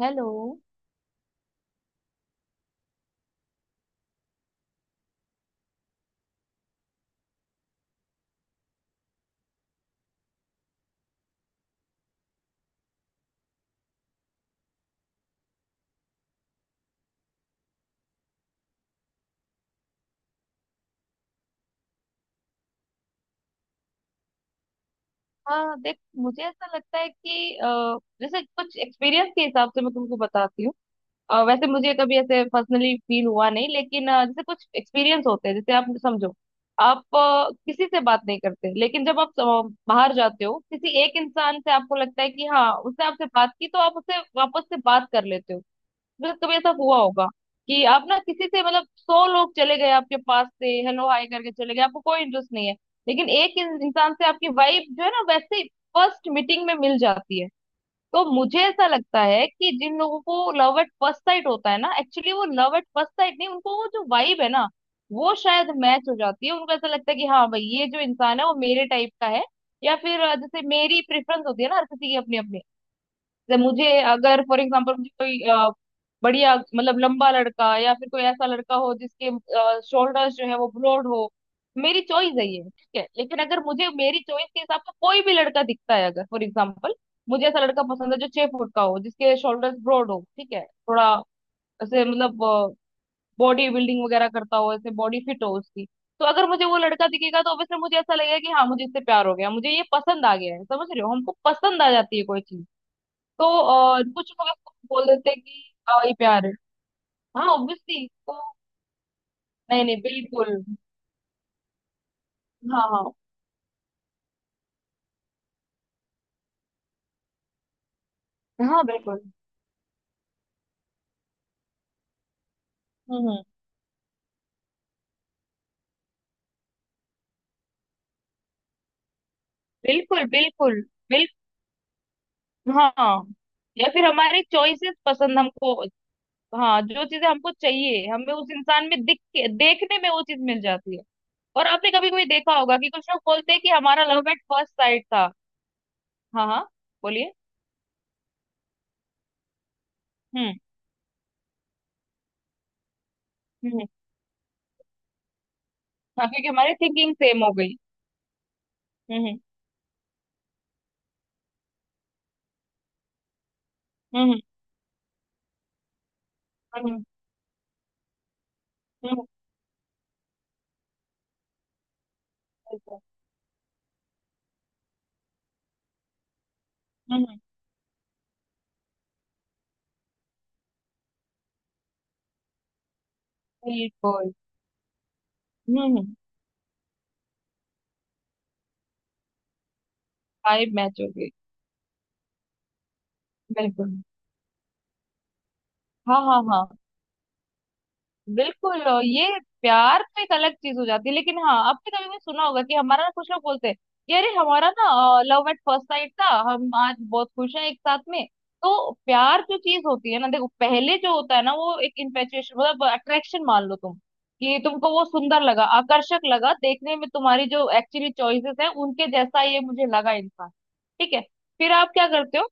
Hello. हाँ, देख, मुझे ऐसा लगता है कि जैसे कुछ एक्सपीरियंस के हिसाब से मैं तुमको बताती हूँ। वैसे मुझे कभी ऐसे पर्सनली फील हुआ नहीं, लेकिन जैसे कुछ एक्सपीरियंस होते हैं, जैसे आप समझो। आप किसी से बात नहीं करते, लेकिन जब आप बाहर जाते हो किसी एक इंसान से, आपको लगता है कि हाँ, उसने आपसे बात की, तो आप उससे वापस से बात कर लेते हो। मतलब कभी ऐसा हुआ होगा कि आप ना, किसी से मतलब 100 लोग चले गए आपके पास से, हेलो हाय करके चले गए, आपको कोई इंटरेस्ट नहीं है। लेकिन एक इंसान से आपकी वाइब जो है ना, वैसे ही फर्स्ट मीटिंग में मिल जाती है। तो मुझे ऐसा लगता है कि जिन लोगों को लव एट फर्स्ट साइट होता है ना, एक्चुअली वो लव एट फर्स्ट साइट नहीं, उनको वो जो वाइब है ना, वो शायद मैच हो जाती है। उनको ऐसा लगता है कि हाँ भाई, ये जो इंसान है वो मेरे टाइप का है। या फिर जैसे मेरी प्रेफरेंस होती है ना, हर किसी की अपनी अपनी, जैसे मुझे। अगर फॉर एग्जाम्पल मुझे कोई बढ़िया मतलब लंबा लड़का, या फिर कोई ऐसा लड़का हो जिसके शोल्डर्स जो है वो ब्रॉड हो। मेरी चॉइस है ये, ठीक है। लेकिन अगर मुझे मेरी चॉइस के हिसाब से कोई भी लड़का दिखता है, अगर फॉर एग्जाम्पल मुझे ऐसा लड़का पसंद है जो 6 फुट का हो, जिसके शोल्डर्स ब्रॉड हो, ठीक है, थोड़ा ऐसे मतलब बॉडी बिल्डिंग वगैरह करता हो, ऐसे बॉडी फिट हो उसकी। तो अगर मुझे वो लड़का दिखेगा, तो ऑब्वियसली मुझे ऐसा लगेगा कि हाँ, मुझे इससे प्यार हो गया, मुझे ये पसंद आ गया है। समझ रहे हो, हमको पसंद आ जाती है कोई चीज। तो कुछ लोग आपको बोल देते हैं कि ये प्यार है। हाँ ऑब्वियसली। तो नहीं नहीं, बिल्कुल। हाँ हाँ हाँ। बिल्कुल। हम्म। बिल्कुल बिल्कुल बिल्कुल। हाँ। या फिर हमारे चॉइसेस पसंद हमको। हाँ, जो चीजें हमको चाहिए, हमें उस इंसान में दिख के, देखने में वो चीज मिल जाती है। और आपने कभी कभी देखा होगा कि कुछ लोग बोलते हैं कि हमारा लव एट फर्स्ट साइट था। हाँ हाँ, बोलिए। हम्म हम्म हम्म। हाँ, क्योंकि हमारी थिंकिंग सेम हो गई। हम्म हम्म हम्म। हम्म हम्म, हम्म, हम्म। बिल्कुल। हम्म। फाइव मैच हो गई। बिल्कुल। हाँ हाँ हाँ। बिल्कुल। और ये प्यार तो एक अलग चीज हो जाती है, लेकिन हाँ, आपने कभी भी सुना होगा कि हमारा ना, कुछ लोग बोलते हैं कि अरे, हमारा ना लव एट फर्स्ट साइट था, हम आज बहुत खुश हैं एक साथ में। तो प्यार जो चीज होती है ना, देखो, पहले जो होता है ना, वो एक इन्फेचुएशन मतलब अट्रैक्शन मान लो तुम, कि तुमको वो सुंदर लगा, आकर्षक लगा देखने में, तुम्हारी जो एक्चुअली चॉइसेस है उनके जैसा ये मुझे लगा इंसान, ठीक है। फिर आप क्या करते हो?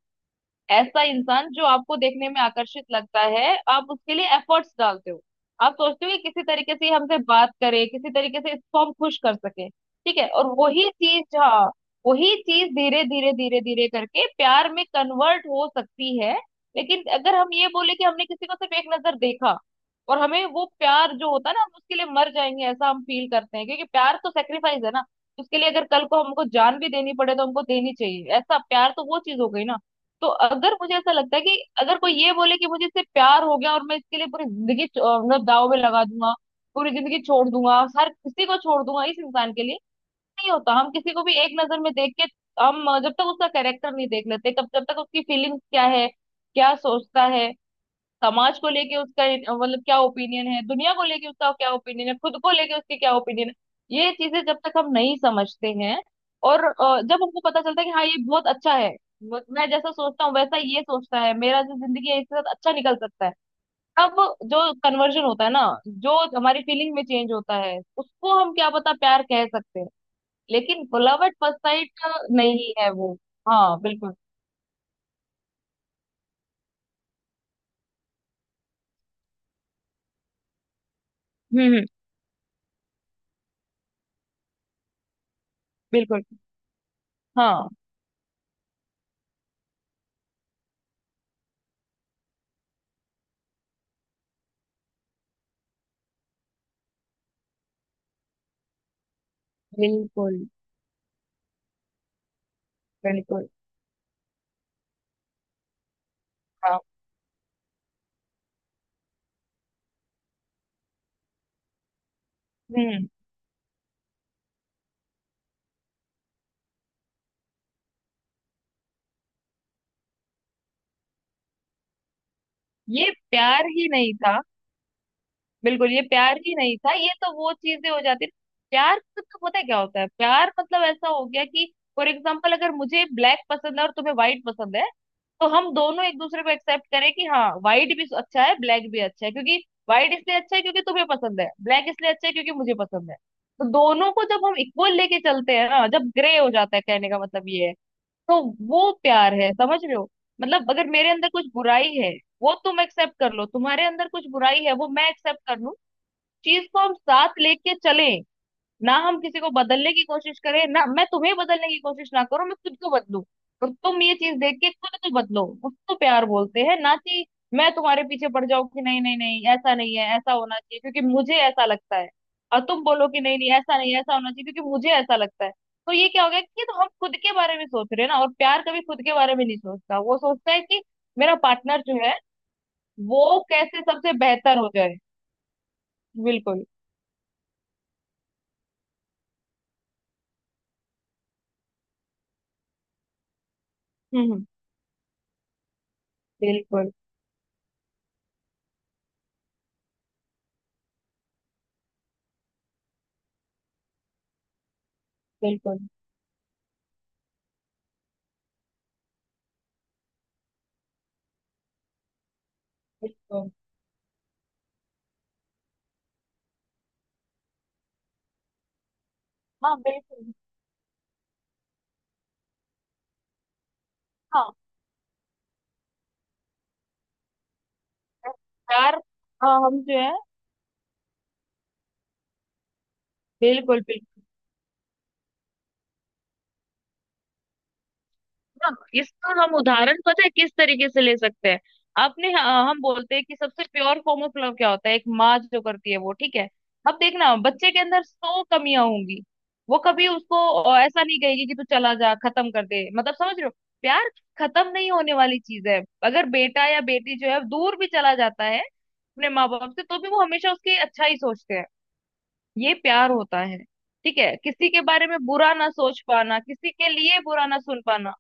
ऐसा इंसान जो आपको देखने में आकर्षित लगता है, आप उसके लिए एफर्ट्स डालते हो। आप सोचते हो कि किसी तरीके से ये हमसे बात करे, किसी तरीके से इसको हम खुश कर सके, ठीक है, और वही चीज, हाँ, वही चीज धीरे धीरे धीरे धीरे करके प्यार में कन्वर्ट हो सकती है। लेकिन अगर हम ये बोले कि हमने किसी को सिर्फ एक नजर देखा, और हमें वो प्यार जो होता है ना, हम उसके लिए मर जाएंगे, ऐसा हम फील करते हैं, क्योंकि प्यार तो सेक्रीफाइस है ना। उसके लिए अगर कल को हमको जान भी देनी पड़े तो हमको देनी चाहिए, ऐसा प्यार तो वो चीज हो गई ना। तो अगर मुझे ऐसा लगता है कि अगर कोई ये बोले कि मुझे इससे प्यार हो गया और मैं इसके लिए पूरी जिंदगी मतलब दाव में लगा दूंगा, पूरी जिंदगी छोड़ दूंगा, हर किसी को छोड़ दूंगा इस इंसान के लिए। नहीं होता। हम किसी को भी एक नजर में देख के, हम जब तक उसका कैरेक्टर नहीं देख लेते, कब, जब तक उसकी फीलिंग्स क्या है, क्या सोचता है, समाज को लेके उसका मतलब क्या ओपिनियन है, दुनिया को लेके उसका क्या ओपिनियन है, खुद को लेके उसके क्या ओपिनियन है। ये चीजें जब तक हम नहीं समझते हैं, और जब हमको पता चलता है कि हाँ, ये बहुत अच्छा है, मैं जैसा सोचता हूँ वैसा ये सोचता है, मेरा जो जिंदगी है इसके साथ अच्छा निकल सकता है। तब जो कन्वर्जन होता है ना, जो हमारी फीलिंग में चेंज होता है, उसको हम क्या पता प्यार कह सकते हैं। लेकिन लव एट फर्स्ट साइट नहीं है वो। हाँ बिल्कुल। हम्म हम्म, बिल्कुल। हाँ बिल्कुल बिल्कुल। हाँ। हम्म। ये प्यार ही नहीं था। बिल्कुल, ये प्यार ही नहीं था। ये तो वो चीजें हो जाती। प्यार मतलब पता है क्या होता है? प्यार मतलब ऐसा हो गया कि फॉर एग्जाम्पल, अगर मुझे ब्लैक पसंद है और तुम्हें व्हाइट पसंद है, तो हम दोनों एक दूसरे को एक्सेप्ट करें कि हाँ, व्हाइट भी अच्छा है, ब्लैक भी अच्छा है, क्योंकि व्हाइट इसलिए अच्छा है क्योंकि तुम्हें पसंद है, ब्लैक इसलिए अच्छा है क्योंकि मुझे पसंद है। तो दोनों को जब हम इक्वल लेके चलते हैं ना, जब ग्रे हो जाता है, कहने का मतलब ये है। तो वो प्यार है, समझ रहे हो। मतलब अगर मेरे अंदर कुछ बुराई है, वो तुम एक्सेप्ट कर लो, तुम्हारे अंदर कुछ बुराई है, वो मैं एक्सेप्ट कर लूं, चीज को हम साथ लेके चले। ना हम किसी को बदलने की कोशिश करें, ना मैं तुम्हें बदलने की कोशिश ना करूं, मैं खुद को बदलूं, और तुम ये चीज देख के खुद को बदलो, उसको प्यार बोलते हैं। ना कि मैं तुम्हारे पीछे पड़ जाऊं कि नहीं नहीं नहीं, ऐसा नहीं है, ऐसा होना चाहिए क्योंकि मुझे ऐसा लगता है, और तुम बोलो कि नहीं नहीं, ऐसा नहीं है, ऐसा होना चाहिए क्योंकि मुझे ऐसा लगता है। तो ये क्या हो गया कि, तो हम खुद के बारे में सोच रहे हैं ना, और प्यार कभी खुद के बारे में नहीं सोचता, वो सोचता है कि मेरा पार्टनर जो है, वो कैसे सबसे बेहतर हो जाए। बिल्कुल। हम्म हम्म, बिल्कुल बिल्कुल बिल्कुल। हाँ बिल्कुल। हाँ यार। हाँ, हम जो है। बिल्कुल बिल्कुल। ना, इसका हम उदाहरण पता है किस तरीके से ले सकते हैं? आपने, हाँ, हम बोलते हैं कि सबसे प्योर फॉर्म ऑफ लव क्या होता है? एक माँ जो करती है वो, ठीक है। अब देखना, बच्चे के अंदर 100 कमियां होंगी, वो कभी उसको ऐसा नहीं कहेगी कि तू चला जा, खत्म कर दे, मतलब समझ रहे हो। प्यार खत्म नहीं होने वाली चीज है। अगर बेटा या बेटी जो है दूर भी चला जाता है अपने माँ बाप से, तो भी वो हमेशा उसकी अच्छा ही सोचते हैं। ये प्यार होता है। ठीक है। किसी के बारे में बुरा ना सोच पाना, किसी के लिए बुरा ना सुन पाना।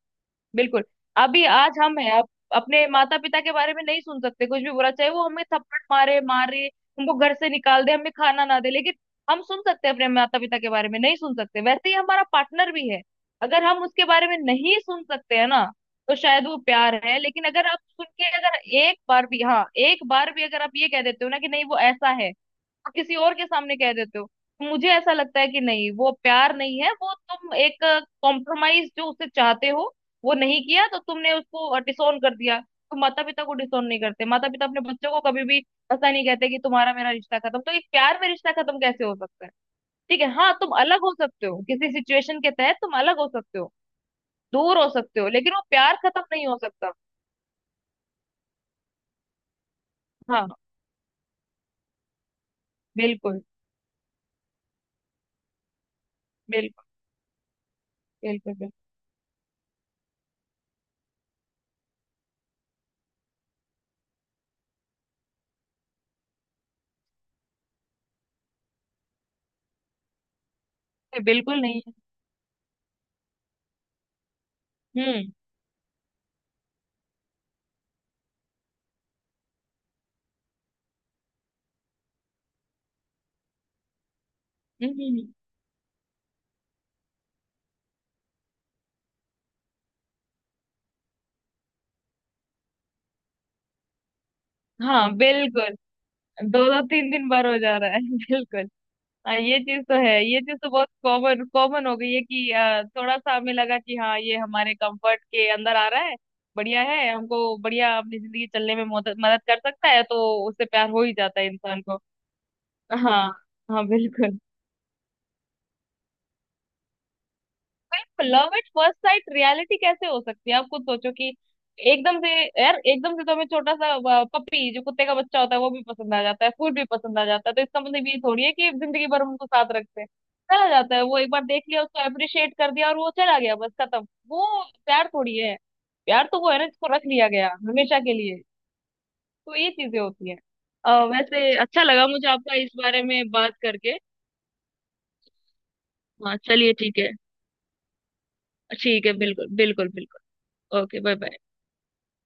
बिल्कुल। अभी आज हम है, आप अपने माता पिता के बारे में नहीं सुन सकते कुछ भी बुरा, चाहे वो हमें थप्पड़ मारे मारे, हमको घर से निकाल दे, हमें खाना ना दे, लेकिन हम सुन सकते हैं अपने माता पिता के बारे में, नहीं सुन सकते, वैसे ही हमारा पार्टनर भी है। अगर हम उसके बारे में नहीं सुन सकते हैं ना, तो शायद वो प्यार है। लेकिन अगर आप सुन के, अगर एक बार भी, हाँ एक बार भी अगर आप ये कह देते हो ना कि नहीं, वो ऐसा है, और किसी और के सामने कह देते हो, तो मुझे ऐसा लगता है कि नहीं, वो प्यार नहीं है, वो तुम एक कॉम्प्रोमाइज जो उससे चाहते हो, वो नहीं किया तो तुमने उसको डिसोन कर दिया। तो माता पिता को डिसोन नहीं करते, माता पिता अपने बच्चों को कभी भी ऐसा नहीं कहते कि तुम्हारा मेरा रिश्ता खत्म। तो एक प्यार में रिश्ता खत्म कैसे हो सकता है? ठीक है, हाँ, तुम अलग हो सकते हो, किसी सिचुएशन के तहत तुम अलग हो सकते हो, दूर हो सकते हो, लेकिन वो प्यार खत्म नहीं हो सकता। हाँ बिल्कुल। बिल्कुल बिल्कुल। बिल्कुल बिल्कुल नहीं है। हम्म हम्म हम्म, हम्म। हाँ बिल्कुल। दो दो तीन दिन बार हो जा रहा है बिल्कुल। हाँ, ये चीज तो है। ये चीज तो बहुत कॉमन कॉमन हो गई है कि थोड़ा सा हमें लगा कि हाँ, ये हमारे कंफर्ट के अंदर आ रहा है, बढ़िया है, हमको बढ़िया अपनी जिंदगी चलने में मदद मदद कर सकता है, तो उससे प्यार हो ही जाता है इंसान को। हाँ हाँ बिल्कुल। Love at first sight reality कैसे हो सकती है? आप खुद सोचो कि एकदम से, यार एकदम से तो हमें छोटा सा पपी जो कुत्ते का बच्चा होता है वो भी पसंद आ जाता है, फूड भी पसंद आ जाता है, तो इसका मतलब ये थोड़ी है कि जिंदगी भर हम उनको साथ रखते हैं। चला जाता है वो, एक बार देख लिया उसको, अप्रिशिएट कर दिया और वो चला गया, बस खत्म। वो प्यार थोड़ी है। प्यार तो वो है ना जिसको रख लिया गया हमेशा के लिए। तो ये चीजें होती हैं। वैसे अच्छा लगा मुझे आपका इस बारे में बात करके। हाँ चलिए, ठीक है। ठीक है, बिल्कुल बिल्कुल बिल्कुल। Okay bye bye.